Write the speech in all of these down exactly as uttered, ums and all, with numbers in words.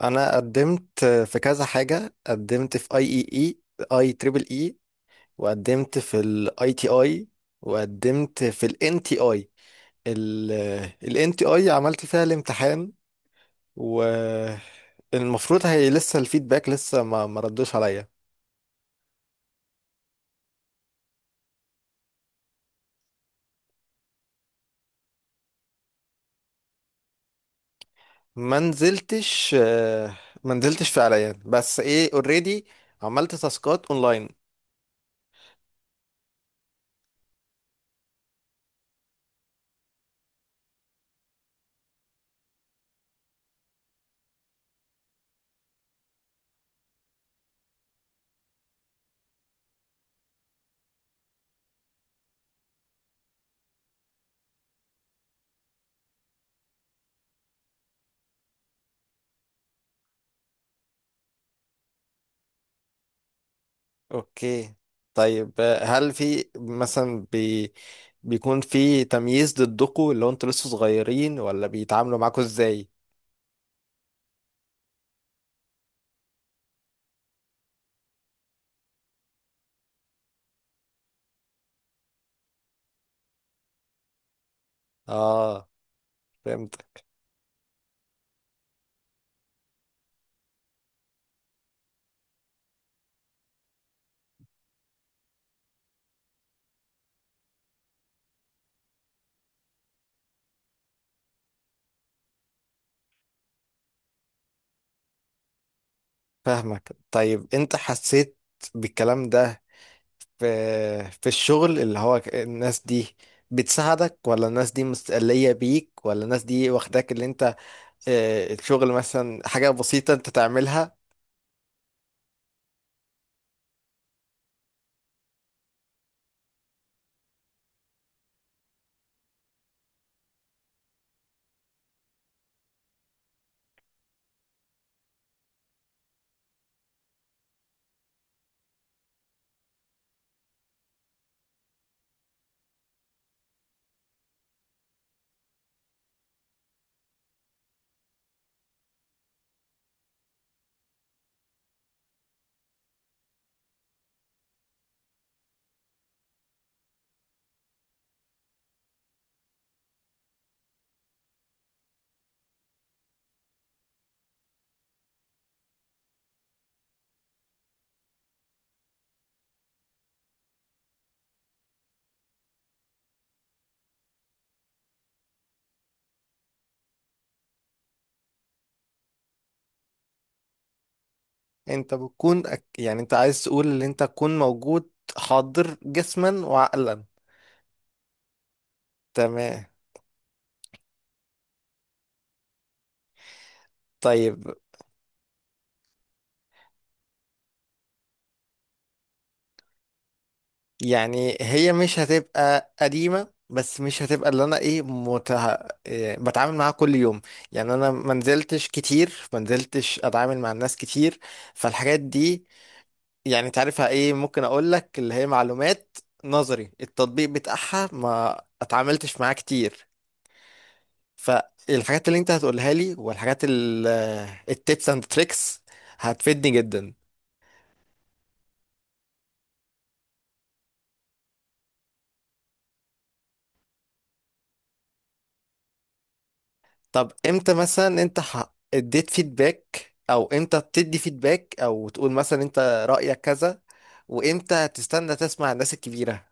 انا قدمت في كذا حاجه. قدمت في اي اي اي اي تريبل اي، وقدمت في الاي تي اي، وقدمت في الان تي اي. الان تي اي عملت فيها الامتحان، والمفروض هي لسه الفيدباك لسه ما ما ردوش عليا. ما نزلتش آه، ما نزلتش فعليا، بس ايه اوريدي عملت تاسكات اونلاين. اوكي. طيب آه، هل في مثلا بيكون في تمييز ضدكوا، اللي هو انتوا لسه صغيرين ولا بيتعاملوا معاكوا ازاي؟ اه فهمت. فاهمك. طيب انت حسيت بالكلام ده في في الشغل، اللي هو ك- الناس دي بتساعدك، ولا الناس دي مستقلية بيك، ولا الناس دي واخداك اللي انت آه، الشغل مثلا حاجة بسيطة انت تعملها. انت بتكون أك- يعني انت عايز تقول ان انت تكون موجود، حاضر جسما وعقلا. تمام. طيب يعني هي مش هتبقى قديمة، بس مش هتبقى اللي انا ايه متع... إيه بتعامل معاها كل يوم. يعني انا ما نزلتش كتير، ما نزلتش اتعامل مع الناس كتير. فالحاجات دي يعني تعرفها ايه، ممكن اقول لك اللي هي معلومات نظري، التطبيق بتاعها ما اتعاملتش معاه كتير. فالحاجات اللي انت هتقولها لي، والحاجات، التيبس اند تريكس، هتفيدني جدا. طب امتى مثلا انت ح- اديت فيدباك، او امتى بتدي فيدباك او تقول مثلا انت رأيك كذا، وامتى هتستنى تسمع الناس الكبيرة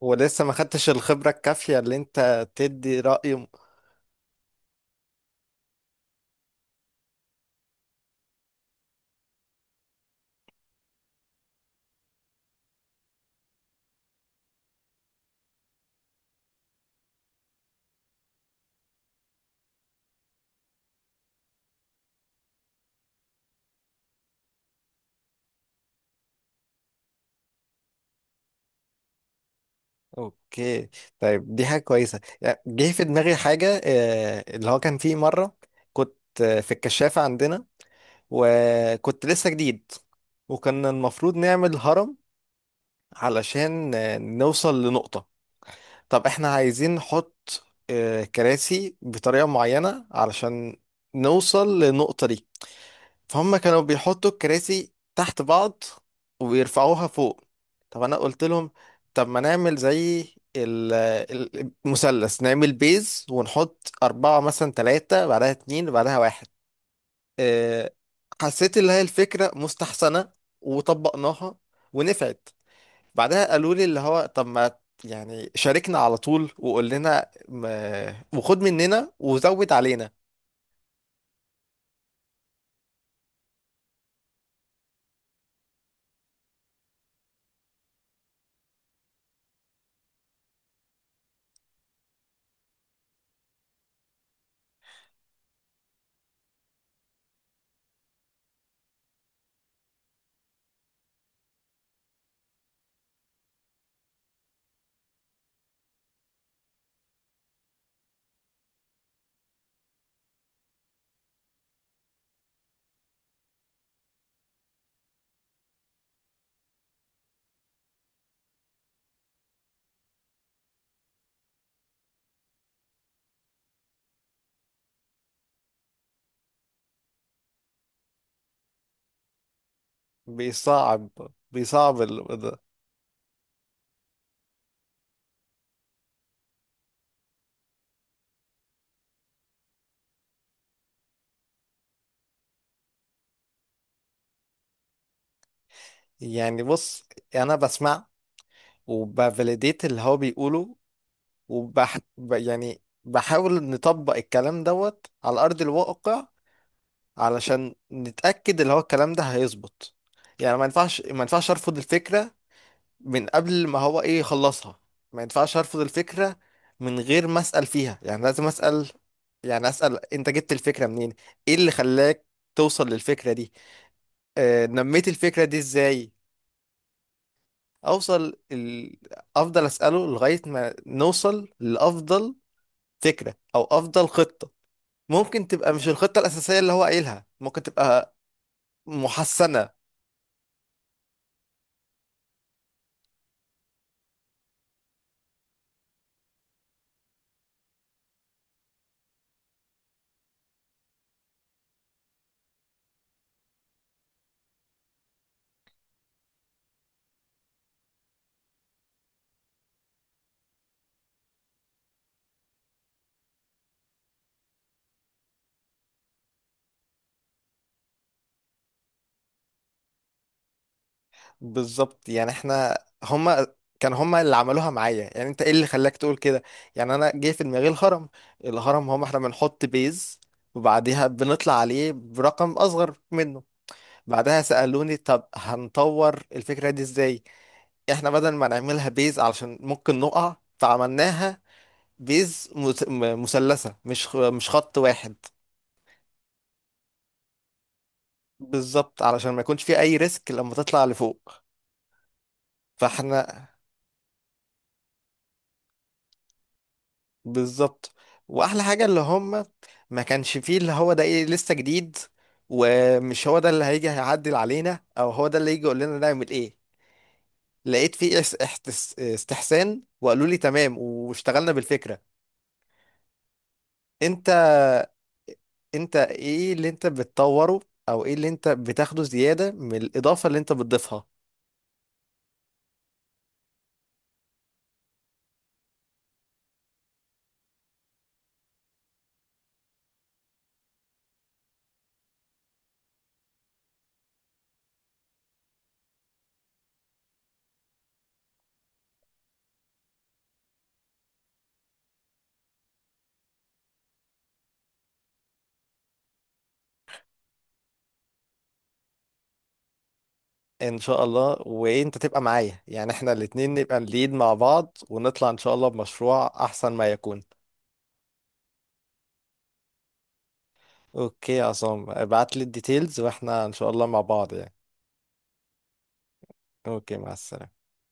ولسه ما خدتش الخبرة الكافية اللي انت تدي رأي م- اوكي. طيب دي حاجة كويسة. يعني جه في دماغي حاجة آه، اللي هو كان فيه مرة كنت آه، في الكشافة عندنا، وكنت لسه جديد، وكان المفروض نعمل هرم علشان آه، نوصل لنقطة. طب احنا عايزين نحط آه، كراسي بطريقة معينة علشان نوصل للنقطة دي. فهم كانوا بيحطوا الكراسي تحت بعض ويرفعوها فوق. طب انا قلت لهم طب ما نعمل زي ال- ال- المثلث، نعمل بيز ونحط أربعة مثلا، تلاتة بعدها، اتنين بعدها، واحد. آه، حسيت اللي هي الفكرة مستحسنة، وطبقناها ونفعت. بعدها قالوا لي اللي هو طب ما، يعني شاركنا على طول وقول لنا ما- وخد مننا وزود علينا. بيصعب بيصعب ال... ده. يعني بص انا بسمع وبفاليديت اللي هو بيقوله وبح... ب- يعني بحاول نطبق الكلام دوت على ارض الواقع، علشان نتأكد اللي هو الكلام ده هيظبط. يعني ما ينفعش ما ينفعش ارفض الفكرة من قبل ما هو ايه يخلصها. ما ينفعش ارفض الفكرة من غير ما اسأل فيها، يعني لازم اسأل. يعني اسأل انت جبت الفكرة منين، ايه اللي خلاك توصل للفكرة دي، آه نميت الفكرة دي ازاي، اوصل ال... افضل اسأله لغاية ما نوصل لافضل فكرة او افضل خطة. ممكن تبقى مش الخطة الاساسية اللي هو قايلها، ممكن تبقى محسنة. بالظبط. يعني احنا هما، كان هما اللي عملوها معايا. يعني انت ايه اللي خلاك تقول كده؟ يعني انا جه في دماغي الهرم. الهرم هما احنا بنحط بيز، وبعديها بنطلع عليه برقم اصغر منه. بعدها سألوني طب هنطور الفكرة دي ازاي؟ احنا بدل ما نعملها بيز علشان ممكن نقع، فعملناها بيز مت- م- مثلثة، مش خ- مش خط واحد. بالظبط، علشان ما يكونش فيه اي ريسك لما تطلع لفوق. فاحنا بالظبط. واحلى حاجه اللي هم ما كانش فيه اللي هو ده ايه لسه جديد، ومش هو ده اللي هيجي هيعدل علينا او هو ده اللي يجي يقول لنا نعمل ايه. لقيت فيه اس- احتس- استحسان، وقالوا لي تمام واشتغلنا بالفكره. انت انت ايه اللي انت بتطوره، او ايه اللي انت بتاخده زياده من الاضافه اللي انت بتضيفها؟ ان شاء الله. وانت تبقى معايا، يعني احنا الاتنين نبقى نليد مع بعض، ونطلع ان شاء الله بمشروع احسن ما يكون. اوكي يا عصام، ابعت لي الديتيلز واحنا ان شاء الله مع بعض يعني. اوكي، مع السلامة.